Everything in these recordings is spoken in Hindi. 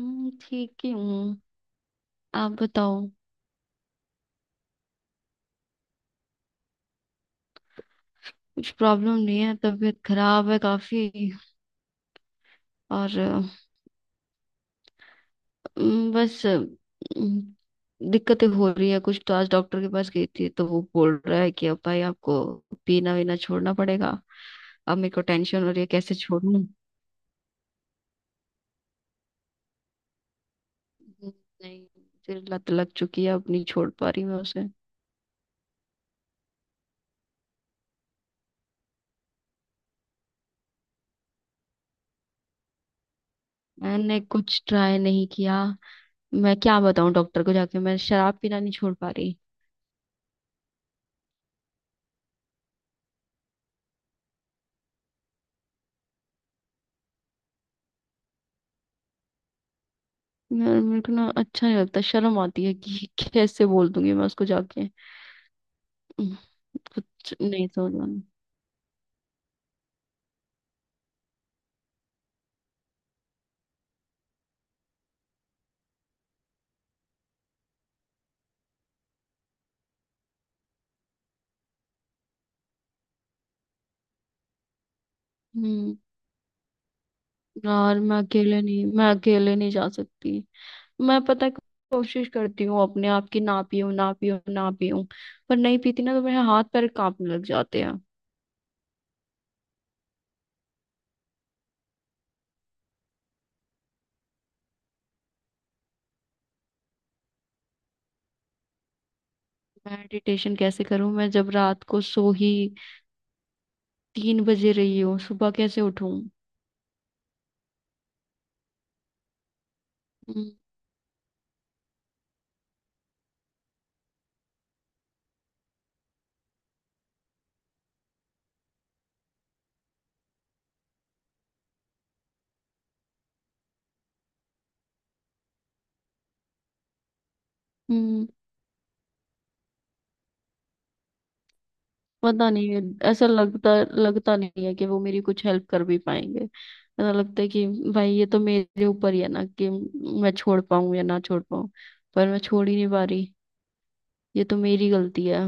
ठीक ही हूँ। आप बताओ। कुछ प्रॉब्लम नहीं है, तबीयत खराब है काफी। और बस दिक्कतें हो रही है कुछ। तो आज डॉक्टर के पास गई थी तो वो बोल रहा है कि अब भाई आपको पीना वीना छोड़ना पड़ेगा। अब मेरे को टेंशन हो रही है कैसे छोड़ूं। हम्म, नहीं। फिर लत लग चुकी है, अब नहीं छोड़ पा रही मैं उसे। मैंने कुछ ट्राई नहीं किया, मैं क्या बताऊं डॉक्टर को जाके, मैं शराब पीना नहीं छोड़ पा रही। यार मेरे को ना अच्छा नहीं लगता, शर्म आती है कि कैसे बोल दूंगी मैं उसको जाके। हम्म, कुछ नहीं समझ में आना। हम्म। यार मैं अकेले नहीं जा सकती। मैं पता है, कोशिश करती हूँ अपने आप की, ना पीऊं ना पीऊं ना पीऊं। पर नहीं पीती ना तो मेरे हाथ पैर कांपने लग जाते हैं। मेडिटेशन कैसे करूं मैं जब रात को सो ही 3 बजे रही हूँ, सुबह कैसे उठूं। हम्म, हम्म। पता नहीं है। ऐसा लगता लगता नहीं है कि वो मेरी कुछ हेल्प कर भी पाएंगे। ऐसा लगता है कि भाई ये तो मेरे ऊपर ही है ना कि मैं छोड़ पाऊं या ना छोड़ पाऊं। पर मैं छोड़ ही नहीं पा रही, ये तो मेरी गलती है।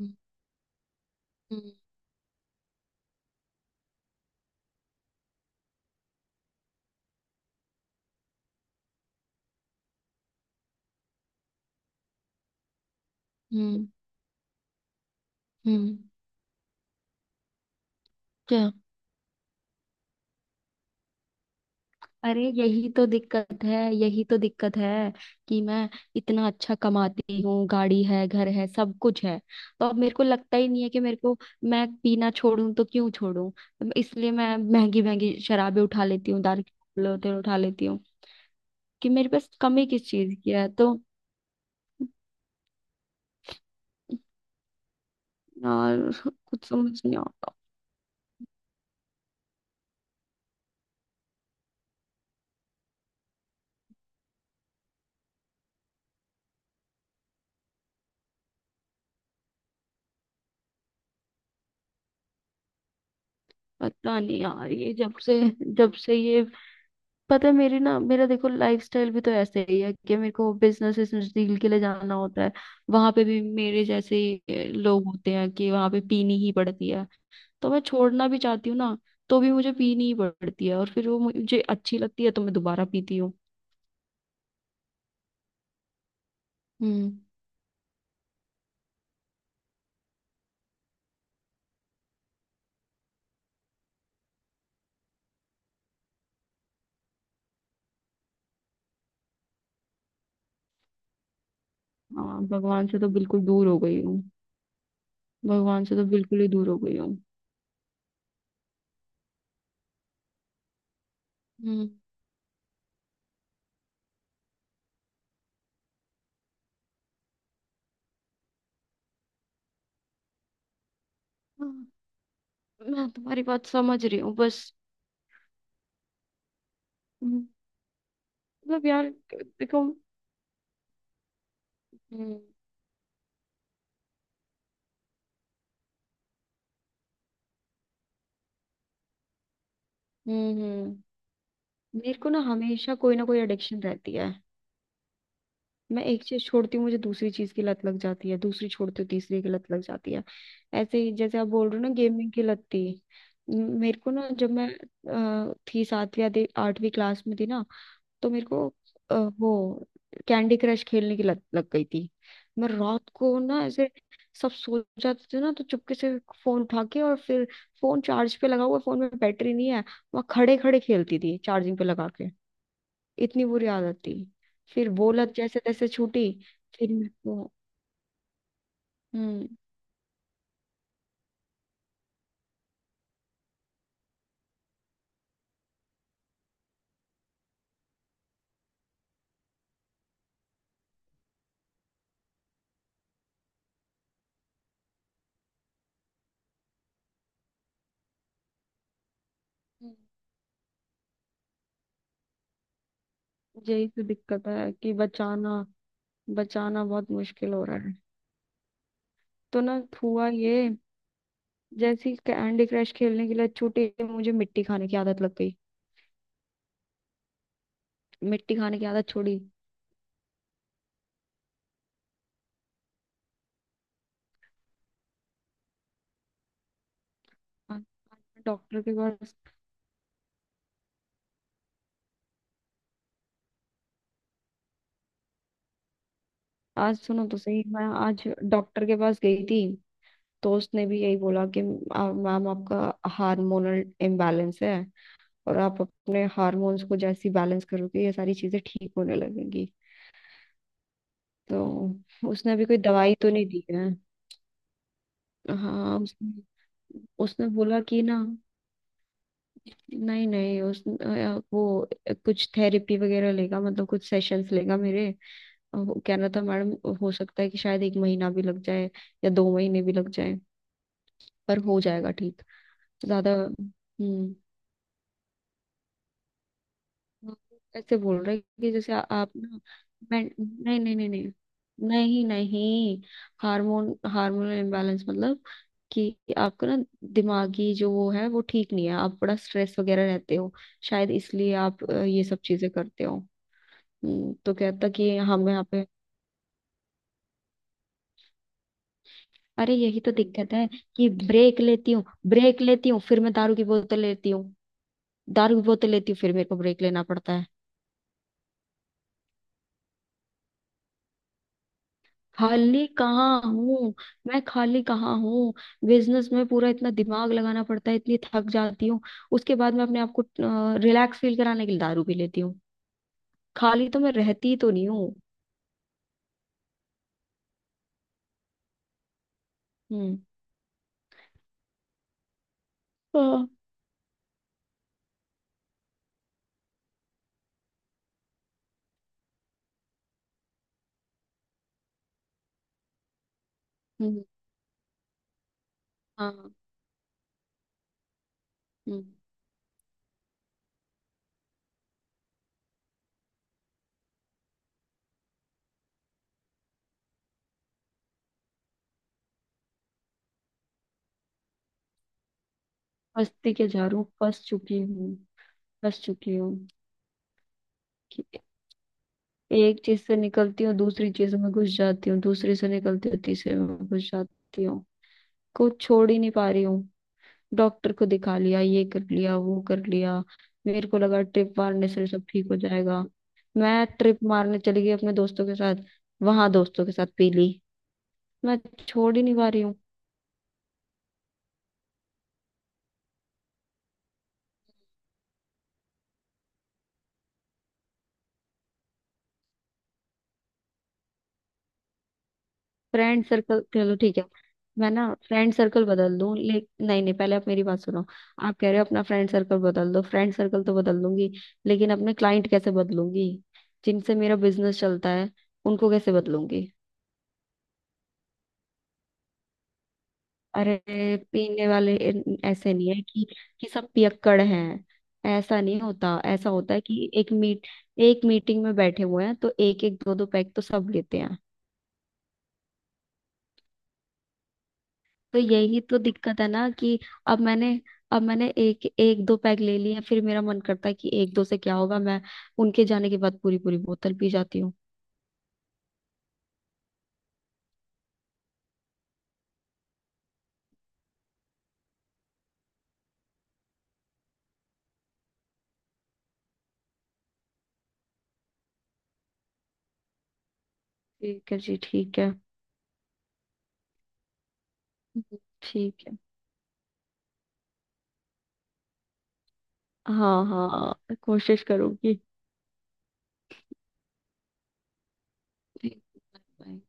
हम्म, हम्म, हम्म, हम्म। क्या? अरे यही तो दिक्कत है, यही तो दिक्कत है कि मैं इतना अच्छा कमाती हूँ, गाड़ी है, घर है, सब कुछ है। तो अब मेरे को लगता ही नहीं है कि मेरे को, मैं पीना छोड़ूं तो क्यों छोड़ूं। इसलिए मैं महंगी महंगी शराबें उठा लेती हूँ, दारू के लोटे उठा लेती हूँ कि मेरे पास कमी किस चीज की है तो। यार कुछ समझ नहीं आता। पता नहीं यार, ये जब से ये पता है, मेरी ना मेरा देखो लाइफस्टाइल भी तो ऐसे ही है कि मेरे को बिजनेस बिजनेस डील के लिए जाना होता है। वहां पे भी मेरे जैसे ही, लोग होते हैं कि वहां पे पीनी ही पड़ती है। तो मैं छोड़ना भी चाहती हूँ ना, तो भी मुझे पीनी ही पड़ती है और फिर वो मुझे अच्छी लगती है तो मैं दोबारा पीती हूँ। हम्म। हाँ, भगवान से तो बिल्कुल दूर हो गई हूँ, भगवान से तो बिल्कुल ही दूर हो गई हूँ। हम्म। हाँ, मैं तुम्हारी बात समझ रही हूँ बस। हम्म, मतलब यार देखो। हम्म, हम्म, मेरे को ना हमेशा कोई ना कोई एडिक्शन रहती है। मैं एक चीज छोड़ती हूँ मुझे दूसरी चीज की लत लग जाती है, दूसरी छोड़ती हूँ तीसरी की लत लग जाती है। ऐसे ही जैसे आप बोल रहे हो ना, गेमिंग की लत थी। मेरे को ना जब मैं थी, 7वीं या 8वीं क्लास में थी ना, तो मेरे को वो कैंडी क्रश खेलने की लत लग गई थी। मैं रात को ना, ऐसे सब सो जाते थे ना तो चुपके से फोन उठा के, और फिर फोन चार्ज पे लगा हुआ, फोन में बैटरी नहीं है, वहां खड़े खड़े खेलती थी चार्जिंग पे लगा के। इतनी बुरी आदत थी। फिर वो लत जैसे तैसे छूटी। फिर मेरे को। हम्म, हम्म, यही तो दिक्कत है कि बचाना, बचाना बहुत मुश्किल हो रहा है। तो ना हुआ ये, जैसे कैंडी क्रश खेलने की लत छूटी मुझे मिट्टी खाने की आदत लग गई। मिट्टी खाने की आदत छोड़ी। आज- आज मैं डॉक्टर के पास। आज सुनो तो सही, मैं आज डॉक्टर के पास गई थी तो उसने भी यही बोला कि मैम, आपका हार्मोनल इम्बैलेंस है, और आप अपने हार्मोन्स को जैसे बैलेंस करोगे ये सारी चीजें ठीक होने लगेंगी। तो उसने अभी कोई दवाई तो नहीं दी है। हाँ, उसने उसने बोला कि ना, नहीं नहीं, वो कुछ थेरेपी वगैरह लेगा, मतलब कुछ सेशंस लेगा मेरे। वो कह रहा था मैडम, हो सकता है कि शायद 1 महीना भी लग जाए या 2 महीने भी लग जाए, पर हो जाएगा ठीक। ज्यादा। हम्म। आप ऐसे बोल रहे हैं कि जैसे आप ना, मैं। नहीं नहीं नहीं नहीं। नहीं नहीं। हार्मोनल इम्बैलेंस, मतलब कि आपका ना, दिमागी जो वो है वो ठीक नहीं है, आप बड़ा स्ट्रेस वगैरह रहते हो, शायद इसलिए आप ये सब चीजें करते हो। तो कहता कि हम यहाँ पे। अरे यही तो दिक्कत है कि ब्रेक लेती हूँ। ब्रेक लेती हूँ फिर मैं दारू की बोतल लेती हूँ, दारू की बोतल लेती हूँ फिर मेरे को ब्रेक लेना पड़ता है। खाली कहाँ हूँ, मैं खाली कहाँ हूँ। बिजनेस में पूरा इतना दिमाग लगाना पड़ता है, इतनी थक जाती हूँ। उसके बाद मैं अपने आप को रिलैक्स फील कराने के लिए दारू पी लेती हूँ। खाली तो मैं रहती तो नहीं हूँ। हम्म। हाँ। हम्म, हाँ। हम्म। मस्ती के झाड़ू फंस चुकी हूँ, फंस चुकी हूँ कि एक चीज से निकलती हूँ दूसरी चीज में घुस जाती हूँ, दूसरी से निकलती हूँ तीसरे में घुस जाती हूँ। कुछ छोड़ ही नहीं पा रही हूँ। डॉक्टर को दिखा लिया, ये कर लिया, वो कर लिया। मेरे को लगा ट्रिप मारने से सब ठीक हो जाएगा। मैं ट्रिप मारने चली गई अपने दोस्तों के साथ, वहां दोस्तों के साथ पी ली। मैं छोड़ ही नहीं पा रही हूँ। फ्रेंड सर्कल चलो ठीक है, मैं ना फ्रेंड सर्कल बदल दूं ले। नहीं नहीं, पहले आप मेरी बात सुनो। आप कह रहे हो अपना फ्रेंड सर्कल बदल दो, फ्रेंड सर्कल तो बदल दूंगी, लेकिन अपने क्लाइंट कैसे बदलूंगी, जिनसे मेरा बिजनेस चलता है, उनको कैसे बदलूंगी। अरे पीने वाले ऐसे नहीं है कि सब पियक्कड़ हैं। ऐसा नहीं होता, ऐसा होता है कि एक मीटिंग में बैठे हुए हैं तो एक एक दो दो पैक तो सब लेते हैं। तो यही तो दिक्कत है ना कि अब मैंने अब मैंने एक एक दो पैक ले लिए हैं, फिर मेरा मन करता है कि एक दो से क्या होगा, मैं उनके जाने के बाद पूरी पूरी बोतल पी जाती हूँ। ठीक है जी, ठीक है। हम्म, ठीक है। हाँ हाँ, कोशिश करूंगी। Bye, bye.